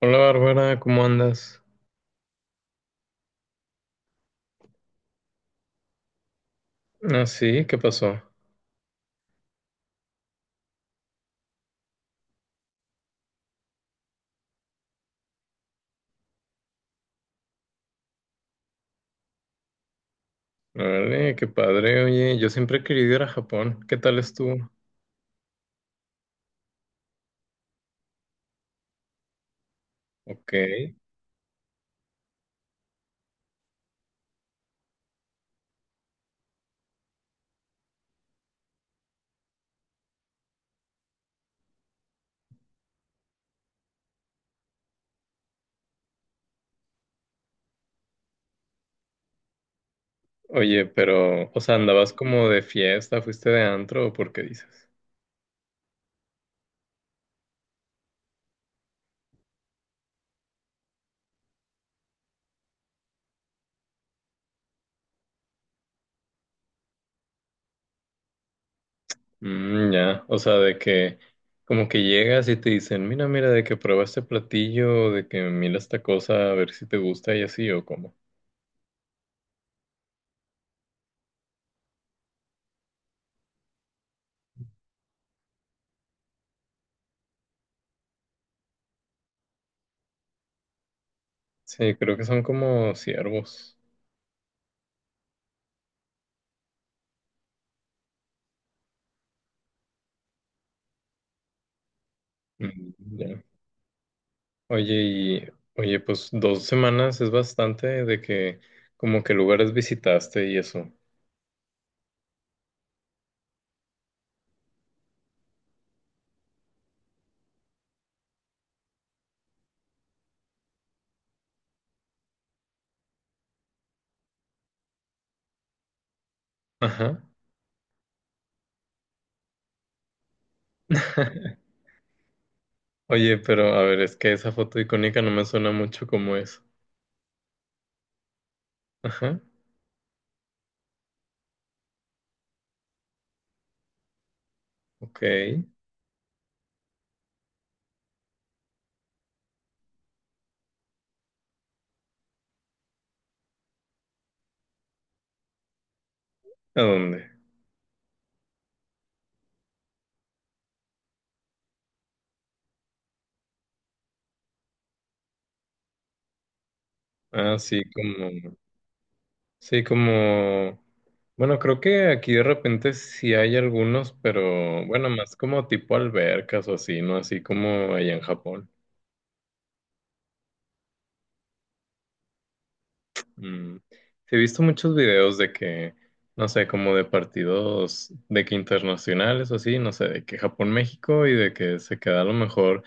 Hola Bárbara, ¿cómo andas? Ah, sí, ¿qué pasó? Vale, qué padre, oye, yo siempre he querido ir a Japón, ¿qué tal estuvo? Ok, oye, pero, o sea, ¿andabas como de fiesta, fuiste de antro o por qué dices? Mm, ya, o sea, de que como que llegas y te dicen, mira, mira, de que prueba este platillo, de que mira esta cosa, a ver si te gusta y así o cómo. Sí, creo que son como ciervos. Mm, ya. Oye, y oye, pues 2 semanas es bastante de que como que lugares visitaste y eso. Ajá. Oye, pero a ver, es que esa foto icónica no me suena mucho como es. Ajá. Ok. ¿A dónde? Ah, sí, como, bueno, creo que aquí de repente sí hay algunos, pero bueno, más como tipo albercas o así, ¿no? Así como allá en Japón. Mm, sí, he visto muchos videos de que, no sé, como de partidos de que internacionales o así, no sé, de que Japón-México y de que se queda a lo mejor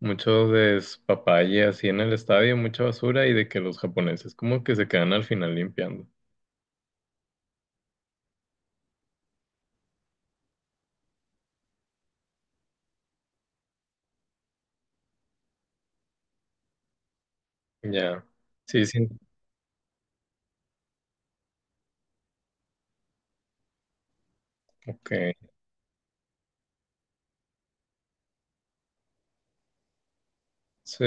mucho despapalle así en el estadio, mucha basura y de que los japoneses como que se quedan al final limpiando. Ya, sí, sí, ok, sí,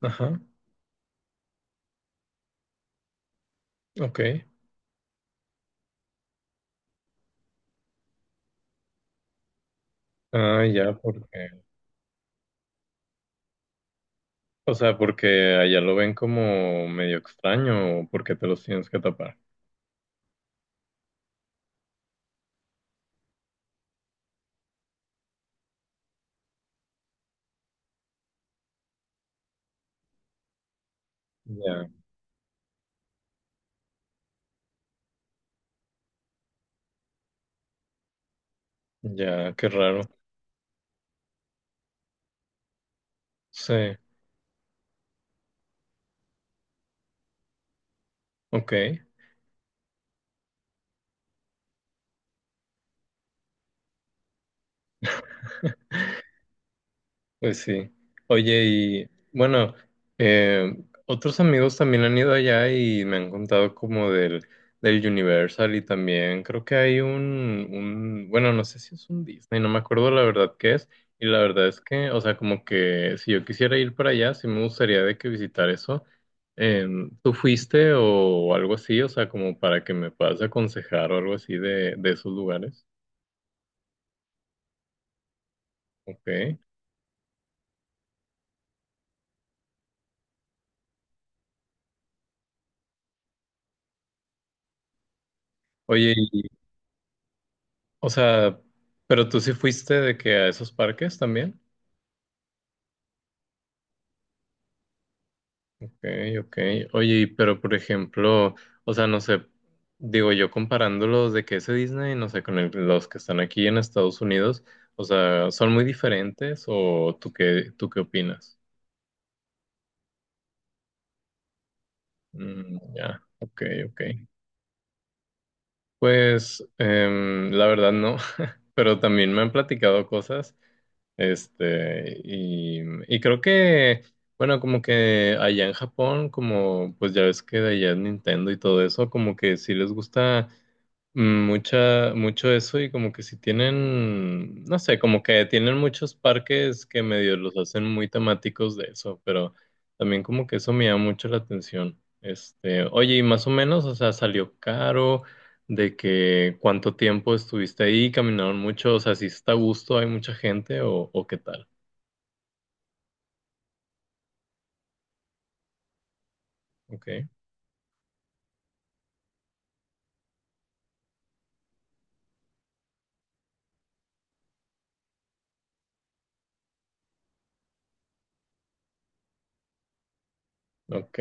ajá, ok. Ah, ya, porque, o sea, porque allá lo ven como medio extraño o porque te los tienes que tapar. Ya, ya, qué raro. Sí. Ok, pues sí. Oye, y bueno, eh, otros amigos también han ido allá y me han contado como del Universal y también creo que hay un, bueno, no sé si es un Disney, no me acuerdo la verdad qué es. Y la verdad es que, o sea, como que si yo quisiera ir para allá, sí me gustaría de que visitar eso. ¿Tú fuiste o algo así? O sea, como para que me puedas aconsejar o algo así de esos lugares. Ok. Oye, o sea, pero tú sí fuiste de que a esos parques también. Ok, ok. Oye, y pero por ejemplo, o sea, no sé, digo yo comparándolos de que ese Disney, no sé, con el- los que están aquí en Estados Unidos, o sea, ¿son muy diferentes o tú qué opinas? Mm, ya, ok, ok. Pues la verdad no, pero también me han platicado cosas. Este, y creo que, bueno, como que allá en Japón, como pues ya ves que de allá es Nintendo y todo eso, como que sí les gusta, mucha, mucho eso y como que si tienen, no sé, como que tienen muchos parques que medio los hacen muy temáticos de eso, pero también como que eso me llama mucho la atención. Este, oye, y más o menos, o sea, salió caro, de que cuánto tiempo estuviste ahí, caminaron mucho, o sea, si está a gusto, hay mucha gente o qué tal. Ok, ok,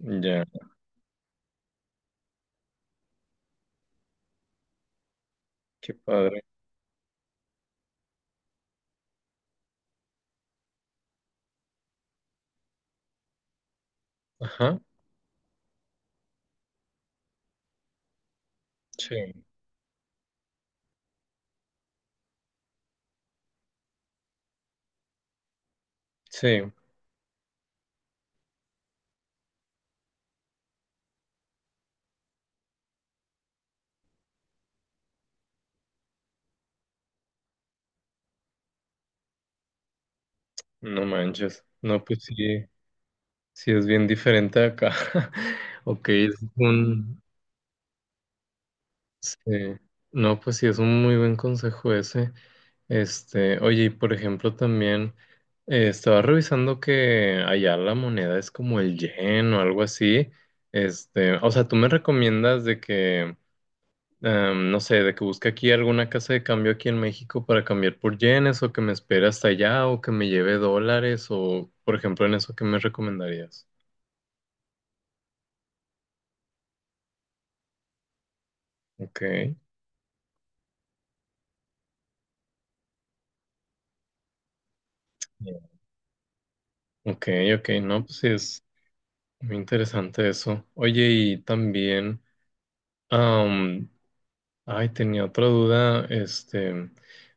ya, qué padre. Ajá, sí, sí, no manches, no, pues sí. Sí, es bien diferente acá. Ok, es un... sí. No, pues sí, es un muy buen consejo ese. Este, oye, y por ejemplo, también estaba revisando que allá la moneda es como el yen o algo así. Este, o sea, ¿tú me recomiendas de que, no sé, de que busque aquí alguna casa de cambio aquí en México para cambiar por yenes o que me espere hasta allá o que me lleve dólares o, por ejemplo, en eso, ¿qué me recomendarías? Ok. Ok, ok, no, pues sí es muy interesante eso. Oye, y también, ay, tenía otra duda, este,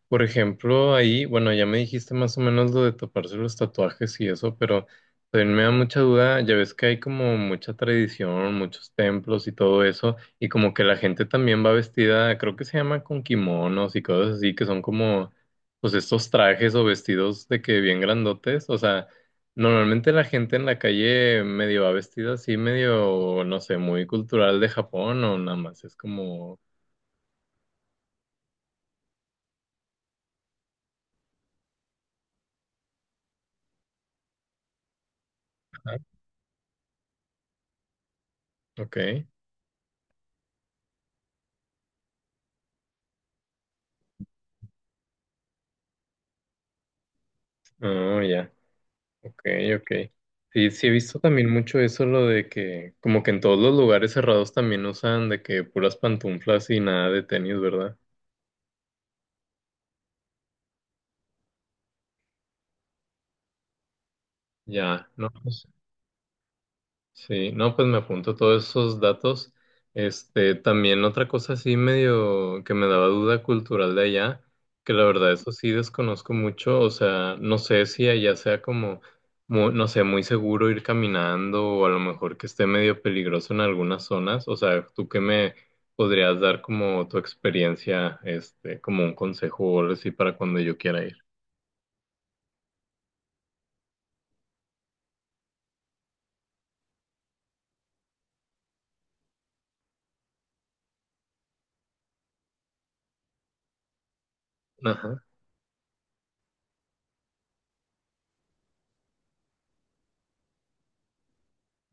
por ejemplo, ahí, bueno, ya me dijiste más o menos lo de taparse los tatuajes y eso, pero también me da mucha duda, ya ves que hay como mucha tradición, muchos templos y todo eso, y como que la gente también va vestida, creo que se llama con kimonos y cosas así, que son como, pues estos trajes o vestidos de que bien grandotes, o sea, normalmente la gente en la calle medio va vestida así, medio, no sé, muy cultural de Japón o nada más, es como... Ok, oh, ya, ok, ok. Sí, sí he visto también mucho eso, lo de que como que en todos los lugares cerrados también usan de que puras pantuflas y nada de tenis, ¿verdad? Ya, no, pues, sí, no, pues me apunto todos esos datos. Este, también otra cosa así medio que me daba duda cultural de allá, que la verdad eso sí desconozco mucho, o sea, no sé si allá sea como, no sé, muy seguro ir caminando o a lo mejor que esté medio peligroso en algunas zonas, o sea, ¿tú qué me podrías dar como tu experiencia, este, como un consejo o algo así para cuando yo quiera ir? Ajá,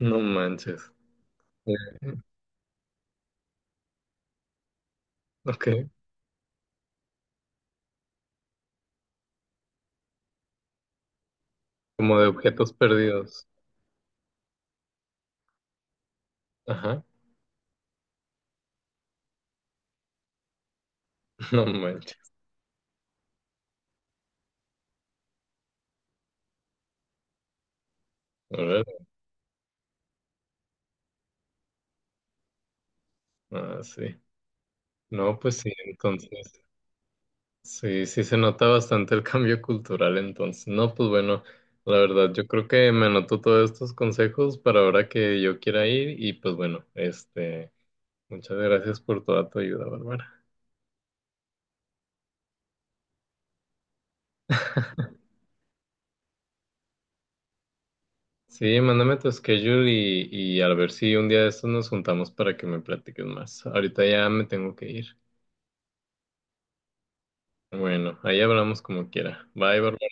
no manches. Ok, como de objetos perdidos. Ajá, no manches. Órale. Ah, sí. No, pues sí, entonces, sí, sí se nota bastante el cambio cultural entonces. No, pues bueno, la verdad, yo creo que me anotó todos estos consejos para ahora que yo quiera ir y pues bueno, este, muchas gracias por toda tu ayuda, Bárbara. Sí, mándame tu schedule y a ver si un día de estos nos juntamos para que me platiques más. Ahorita ya me tengo que ir. Bueno, ahí hablamos como quiera. Bye, Bárbara.